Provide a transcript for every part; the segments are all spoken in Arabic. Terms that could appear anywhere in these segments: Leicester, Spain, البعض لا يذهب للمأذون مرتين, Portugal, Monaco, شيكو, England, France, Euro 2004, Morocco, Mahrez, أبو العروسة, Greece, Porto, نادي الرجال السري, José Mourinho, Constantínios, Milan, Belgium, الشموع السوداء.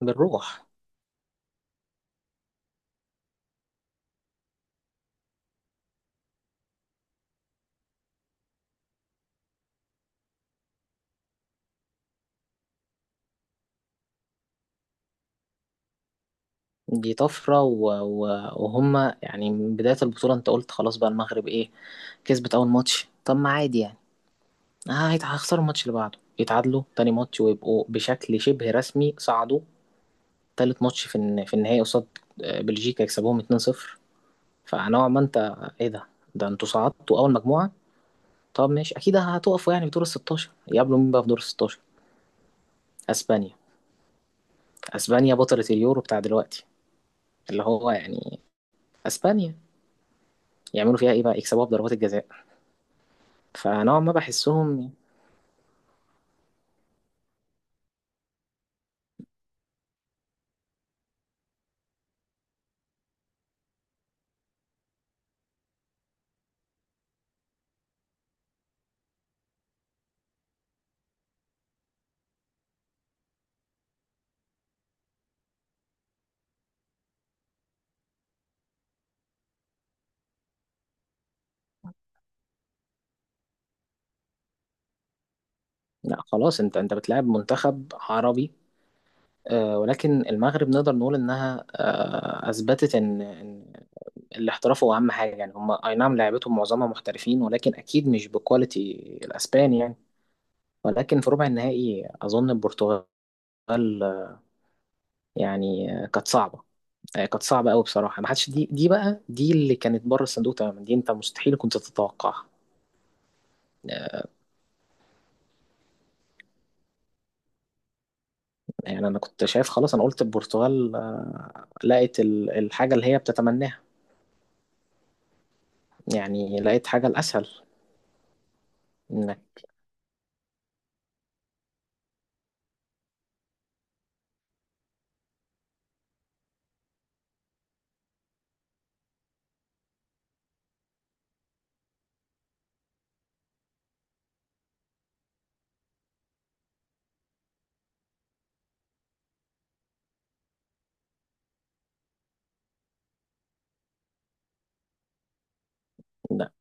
بالروح. دي طفرة وهم يعني من بداية البطولة انت قلت خلاص بقى المغرب ايه، كسبت أول ماتش. طب ما عادي يعني، هيخسروا الماتش اللي بعده، يتعادلوا تاني ماتش ويبقوا بشكل شبه رسمي صعدوا. تالت ماتش في في النهائي قصاد بلجيكا يكسبوهم 2-0. فنوعا ما انت، ايه ده انتوا صعدتوا أول مجموعة؟ طب ماشي، أكيد هتقفوا يعني في دور ال 16. يقابلوا مين بقى في دور ال 16؟ أسبانيا. أسبانيا بطلة اليورو بتاع دلوقتي، اللي هو يعني أسبانيا. يعملوا فيها ايه بقى؟ يكسبوها بضربات الجزاء. فنوعا ما بحسهم، لا خلاص، انت بتلعب منتخب عربي. ولكن المغرب نقدر نقول انها اثبتت ان الاحتراف هو اهم حاجه. يعني هم اي نعم لعبتهم معظمها محترفين ولكن اكيد مش بكواليتي الاسبان يعني. ولكن في ربع النهائي اظن البرتغال، آه، يعني كانت صعبه. كانت صعبه قوي بصراحه. ما حدش دي بقى دي اللي كانت بره الصندوق تماما. دي انت مستحيل كنت تتوقعها. يعني انا كنت شايف خلاص، انا قلت البرتغال لقت الحاجه اللي هي بتتمناها. يعني لقيت حاجه الاسهل. انك. ده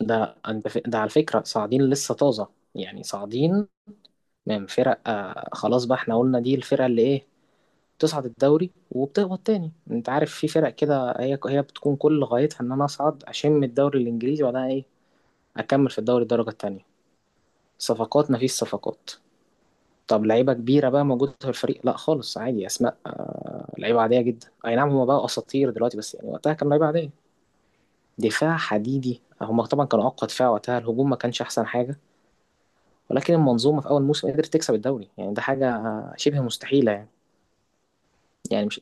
ده على فكره صاعدين لسه طازه. يعني صاعدين من فرق خلاص بقى، احنا قلنا دي الفرقه اللي ايه، بتصعد الدوري وبتهبط تاني. انت عارف في فرق كده، هي بتكون كل غايتها ان انا اصعد اشم الدوري الانجليزي، وبعدها ايه؟ اكمل في الدوري الدرجه التانيه. صفقات؟ مفيش صفقات. طب لعيبه كبيره بقى موجوده في الفريق؟ لا خالص، عادي. اسماء لعيبه عاديه جدا. اي نعم، هما بقى اساطير دلوقتي بس يعني وقتها كانوا لعيبه عاديه. دفاع حديدي، هما طبعا كانوا اقوى دفاع وقتها، الهجوم ما كانش احسن حاجه. ولكن المنظومه في اول موسم قدرت تكسب الدوري. يعني ده حاجه شبه مستحيله يعني. يعني مش.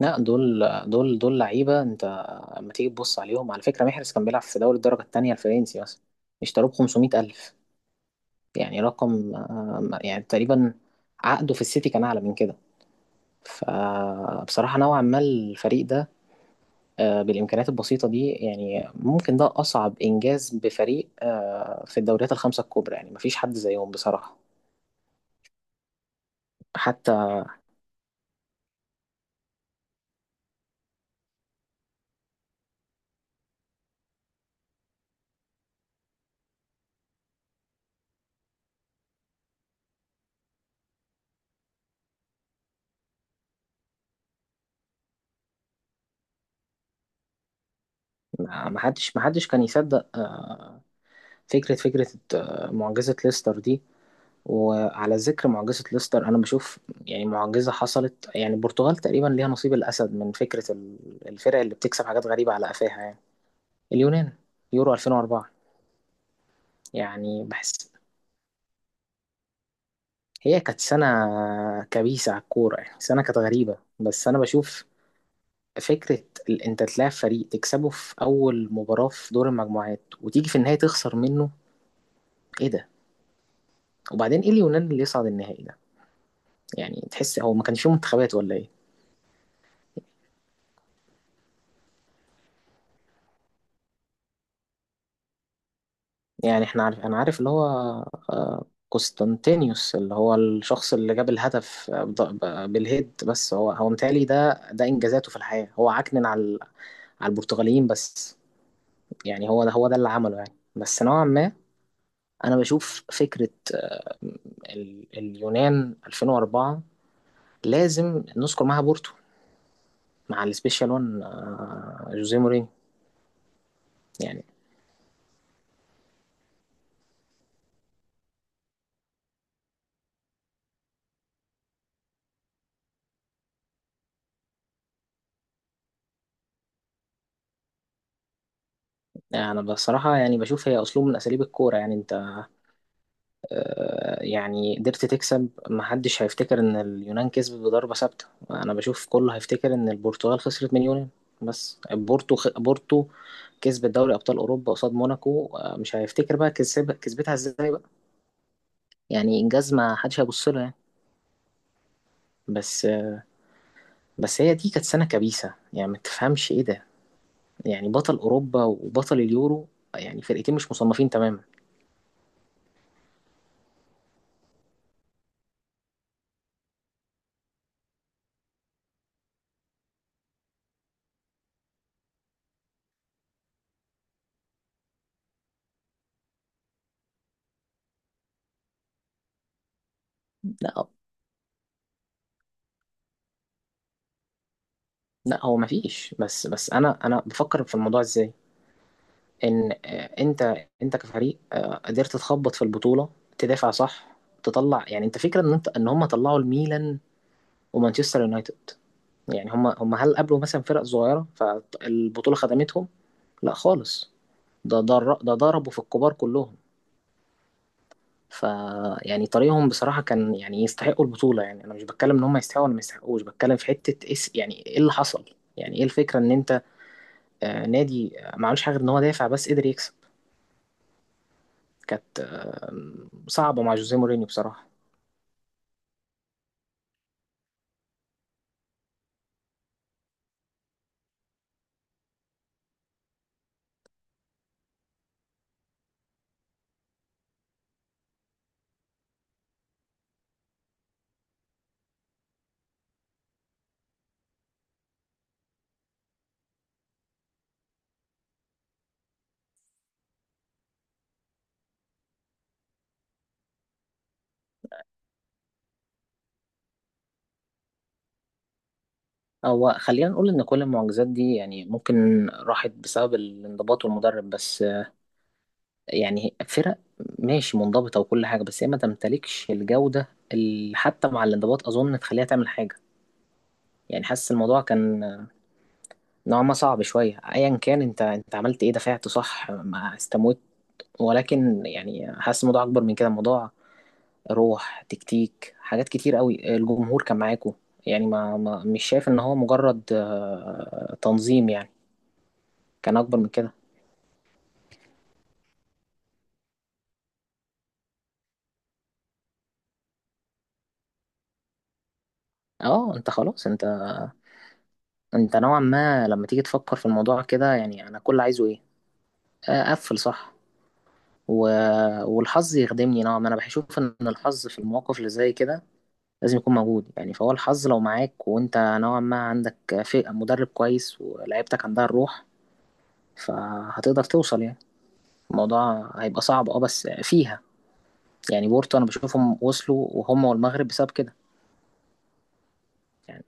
لا، دول لعيبه. انت لما تيجي تبص عليهم، على فكره محرز كان بيلعب في دوري الدرجه الثانيه الفرنسي مثلا. اشتروه ب 500,000. يعني رقم يعني تقريبا عقده في السيتي كان اعلى من كده. فبصراحة نوعا ما الفريق ده بالإمكانيات البسيطة دي، يعني ممكن ده أصعب إنجاز بفريق في الدوريات الخمسة الكبرى. يعني مفيش حد زيهم بصراحة. حتى ما حدش كان يصدق فكرة معجزة ليستر دي. وعلى ذكر معجزة ليستر، أنا بشوف يعني معجزة حصلت. يعني البرتغال تقريبا ليها نصيب الأسد من فكرة الفرق اللي بتكسب حاجات غريبة على قفاها يعني. اليونان، يورو 2004، يعني بحس هي كانت سنة كبيسة على الكورة. يعني سنة كانت غريبة. بس أنا بشوف فكرة أنت تلاعب فريق تكسبه في أول مباراة في دور المجموعات وتيجي في النهاية تخسر منه. إيه ده؟ وبعدين إيه اليونان اللي يصعد النهائي ده؟ يعني تحس هو ما كانش فيه منتخبات ولا إيه؟ يعني إحنا عارف أنا عارف اللي هو آه، قسطنطينيوس، اللي هو الشخص اللي جاب الهدف بالهيد. بس هو متهيألي ده إنجازاته في الحياة هو عكنن على البرتغاليين بس. يعني هو ده اللي عمله يعني. بس نوعا ما انا بشوف فكره اليونان 2004 لازم نذكر معاها بورتو، مع السبيشال 1 جوزيه مورينيو. يعني انا بصراحه يعني بشوف هي اسلوب من اساليب الكوره. يعني انت يعني قدرت تكسب. ما حدش هيفتكر ان اليونان كسبت بضربه ثابته. انا بشوف كله هيفتكر ان البرتغال خسرت من اليونان. بس بورتو كسبت دوري ابطال اوروبا قصاد موناكو مش هيفتكر بقى كسبتها ازاي بقى. يعني انجاز ما حدش هيبص له يعني. بس بس هي دي كانت سنة كبيسة. يعني ما تفهمش ايه ده. يعني بطل اوروبا وبطل اليورو، يعني فرقتين مش مصنفين تماما. لا، لا هو ما فيش. بس انا بفكر في الموضوع ازاي، ان انت كفريق قدرت تخبط في البطولة، تدافع صح، تطلع. يعني انت فكرة ان انت، ان هم طلعوا الميلان ومانشستر يونايتد. يعني هم هل قابلوا مثلا فرق صغيرة فالبطولة خدمتهم؟ لا خالص. ده ضربوا في الكبار كلهم. ف يعني طريقهم بصراحة كان يعني يستحقوا البطولة. يعني أنا مش بتكلم إن هم يستحقوا ولا ما يستحقوش، بتكلم في حتة إس، يعني إيه اللي حصل. يعني إيه الفكرة إن أنت نادي ما عملش حاجة غير إن هو دافع بس قدر يكسب. كانت صعبة مع جوزيه مورينيو بصراحة. هو خلينا نقول إن كل المعجزات دي يعني ممكن راحت بسبب الانضباط والمدرب بس يعني فرق ماشي منضبطة وكل حاجة، بس هي ما تمتلكش الجودة اللي حتى مع الانضباط أظن تخليها تعمل حاجة. يعني حاسس الموضوع كان نوعا ما صعب شوية. ايا كان، انت عملت ايه؟ دفعت صح، ما استموت. ولكن يعني حاسس الموضوع اكبر من كده. الموضوع روح، تكتيك، حاجات كتير قوي، الجمهور كان معاكو. يعني ما مش شايف ان هو مجرد تنظيم يعني. كان اكبر من كده. اه انت خلاص، انت انت نوعا ما لما تيجي تفكر في الموضوع كده، يعني انا كل عايزه ايه؟ اقفل صح و... والحظ يخدمني نوعا ما. انا بشوف ان الحظ في المواقف اللي زي كده لازم يكون موجود. يعني فهو الحظ لو معاك، وانت نوعا ما عندك في مدرب كويس، ولاعيبتك عندها الروح، فهتقدر توصل يعني. الموضوع هيبقى صعب بس فيها، يعني بورتو انا بشوفهم وصلوا، وهم والمغرب بسبب كده يعني.